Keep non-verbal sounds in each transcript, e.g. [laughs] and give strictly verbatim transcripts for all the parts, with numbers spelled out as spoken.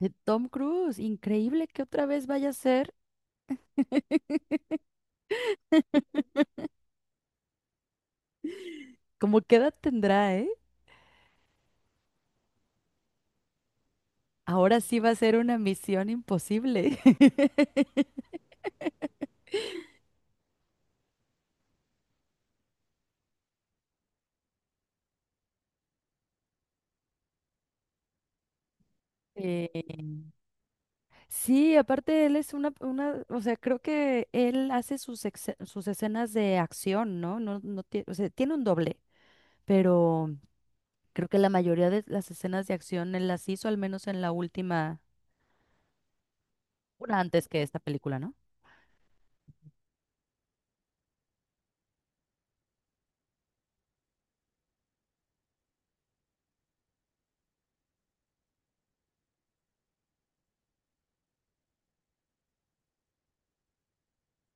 De Tom Cruise, increíble que otra vez vaya a ser. [laughs] ¿Como qué edad tendrá, eh? Ahora sí va a ser una misión imposible. [laughs] Eh, sí, aparte él es una, una, o sea, creo que él hace sus, exe- sus escenas de acción, ¿no? No, no tiene, o sea, tiene un doble, pero creo que la mayoría de las escenas de acción él las hizo, al menos en la última, una antes que esta película, ¿no?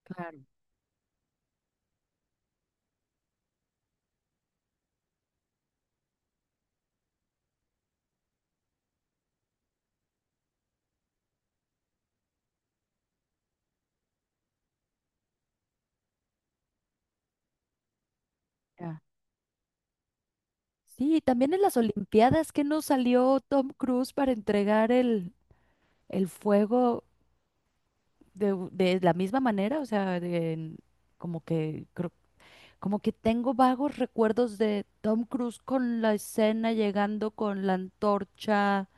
Claro. Ya. Sí, también en las Olimpiadas que nos salió Tom Cruise para entregar el, el fuego de, u- de la misma manera, o sea, de- en- como que creo- como que tengo vagos recuerdos de Tom Cruise con la escena llegando con la antorcha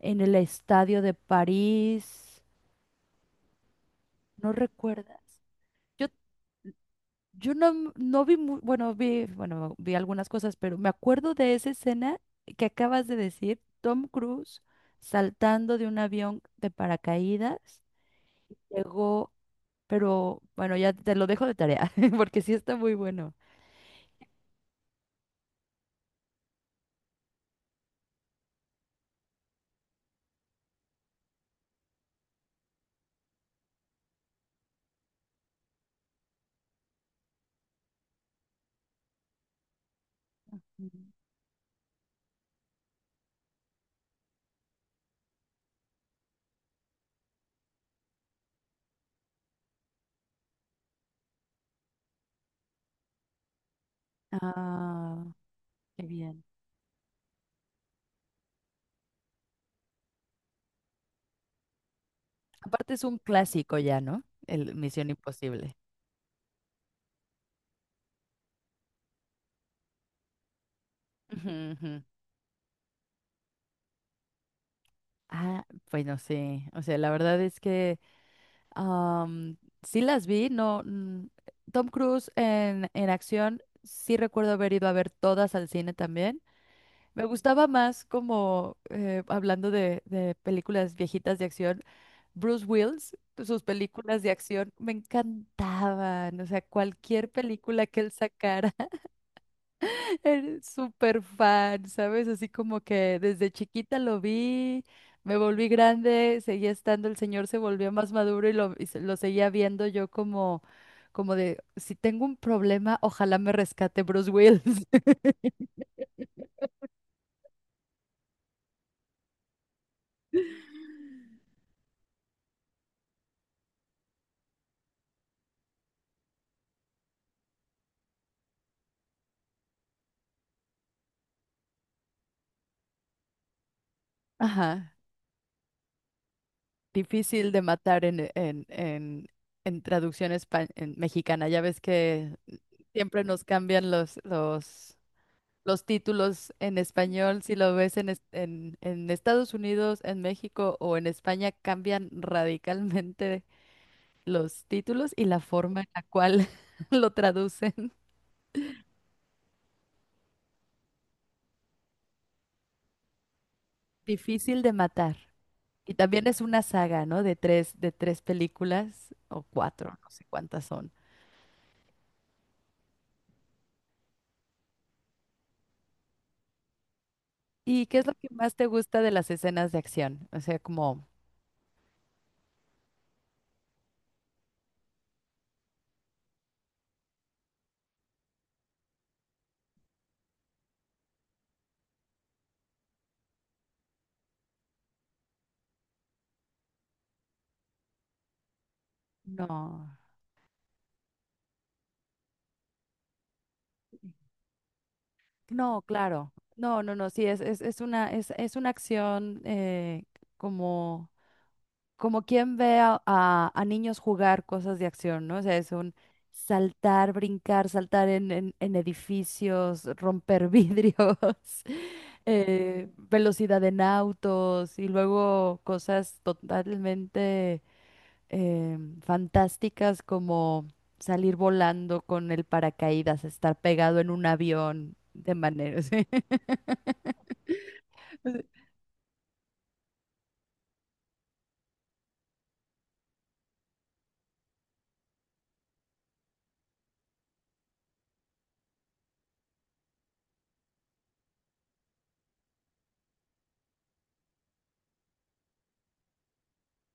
en el estadio de París. ¿No recuerdas? Yo Yo no, no vi, mu- bueno, vi, bueno, vi algunas cosas, pero me acuerdo de esa escena que acabas de decir, Tom Cruise saltando de un avión de paracaídas, llegó, pero bueno, ya te lo dejo de tarea, [laughs] porque sí está muy bueno. Ujú. Ah, qué bien. Aparte es un clásico ya, ¿no? El Misión Imposible. Ujú, ujú. Ah, bueno, sí. O sea, la verdad es que Am, sí las vi, no. mm, Tom Cruise en, en acción, sí recuerdo haber ido a ver todas al cine también. Me gustaba más como, eh, hablando de, de películas viejitas de acción, Bruce Willis, sus películas de acción me encantaban. O sea, cualquier película que él sacara. Eres súper fan, ¿sabes? Así como que desde chiquita lo vi, me volví grande, seguía estando, el señor se volvió más maduro y lo, y se- lo seguía viendo yo como, como de, si tengo un problema, ojalá me rescate Bruce Willis. [laughs] Ajá, difícil de matar en, en, en, en traducción espa- en mexicana, ya ves que siempre nos cambian los, los, los títulos en español, si lo ves en, es- en, en Estados Unidos, en México o en España, cambian [laughs] radicalmente los títulos y la forma en la cual [laughs] lo traducen. Difícil de matar. Y también es una saga, ¿no? De tres, de tres películas o cuatro, no sé cuántas son. ¿Y qué es lo que más te gusta de las escenas de acción? O sea, como, no, no, claro. No, no, no, sí, es, es, es una, es, es una acción eh, como como quien ve a, a- a niños jugar cosas de acción, ¿no? O sea, es un saltar, brincar, saltar en, en- en edificios, romper vidrios, [laughs] eh, velocidad en autos y luego cosas totalmente eh, fantásticas como salir volando con el paracaídas, estar pegado en un avión de manera, [laughs] sí.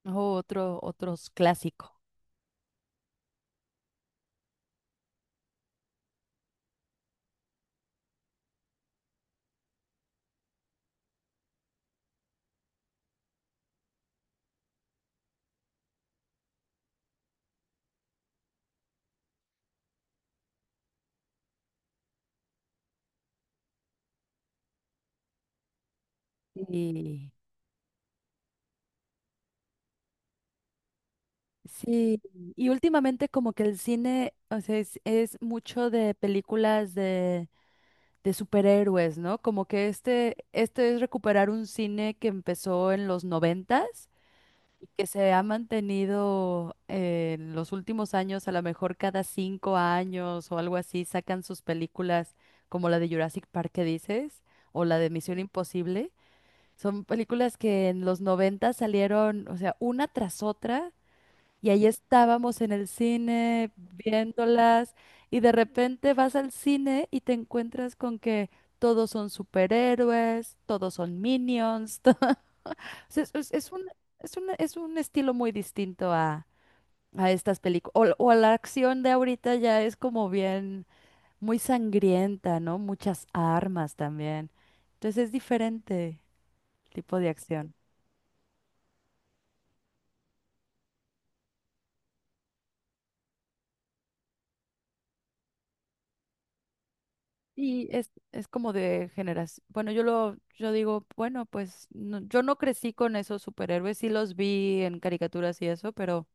o otro, otros clásico. Sí. Sí, y últimamente como que el cine, o sea, es, es mucho de películas de, de superhéroes, ¿no? Como que este, este es recuperar un cine que empezó en los noventas que se ha mantenido eh, en los últimos años, a lo mejor cada cinco años o algo así, sacan sus películas como la de Jurassic Park que dices, o la de Misión Imposible. Son películas que en los noventas salieron, o sea, una tras otra y ahí estábamos en el cine viéndolas y de repente vas al cine y te encuentras con que todos son superhéroes, todos son minions. [laughs] to- o sea, Es, es- es un, es un- es un estilo muy distinto a, a estas películas. O, o a la acción de ahorita ya es como bien, muy sangrienta, ¿no? Muchas armas también. Entonces es diferente el tipo de acción. Y es, es como de generación. Bueno, yo lo, yo digo, bueno, pues no- yo no crecí con esos superhéroes, sí los vi en caricaturas y eso, pero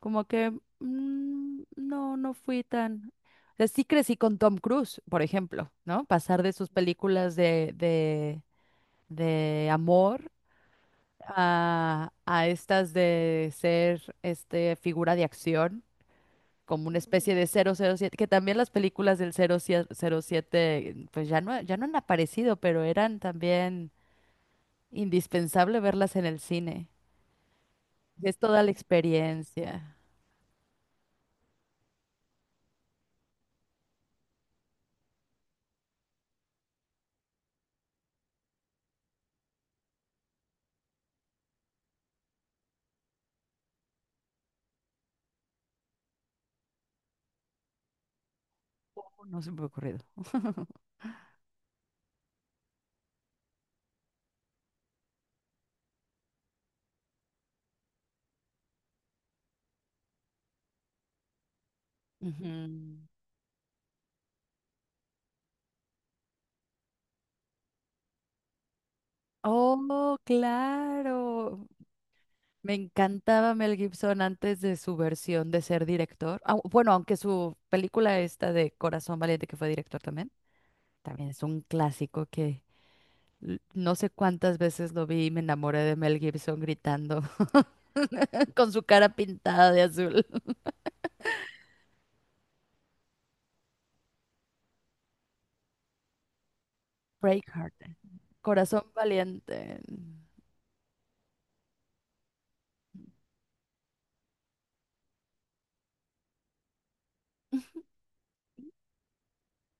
como que mm, no, no fui tan. O sea, sí crecí con Tom Cruise, por ejemplo, ¿no? Pasar de sus películas de, de, de amor a, a estas de ser este figura de acción como una especie de cero cero siete que también las películas del cero cero siete pues ya no, ya no han aparecido, pero eran también indispensable verlas en el cine. Es toda la experiencia. Oh, no se me ha ocurrido. Ujú. Oh, claro. Me encantaba Mel Gibson antes de su versión de ser director. Au- bueno, aunque su película esta de Corazón Valiente, que fue director también, también es un clásico que L- no sé cuántas veces lo vi y me enamoré de Mel Gibson gritando [laughs] con su cara pintada de azul. [laughs] Braveheart, Corazón Valiente.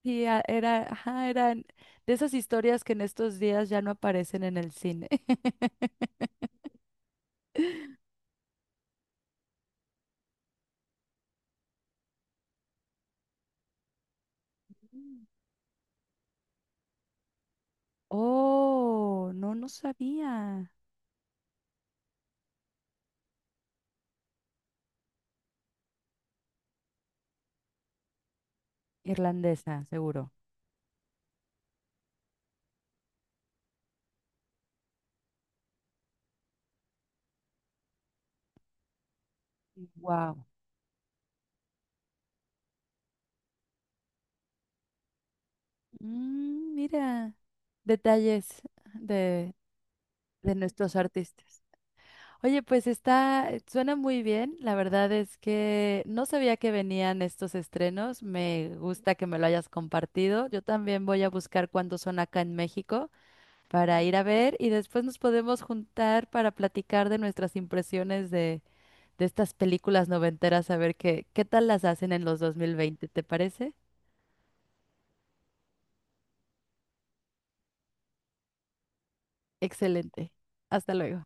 Sí, a- era, ajá, eran de esas historias que en estos días ya no aparecen en el cine. [laughs] Mm. Oh, no, no sabía. Irlandesa, seguro. Wow. Mira, detalles de, de nuestros artistas. Oye, pues está, eh, suena muy bien. La verdad es que no sabía que venían estos estrenos. Me gusta que me lo hayas compartido. Yo también voy a buscar cuándo son acá en México para ir a ver y después nos podemos juntar para platicar de nuestras impresiones de, de estas películas noventeras, a ver qué, qué tal las hacen en los dos mil veinte. ¿Te parece? Excelente. Hasta luego.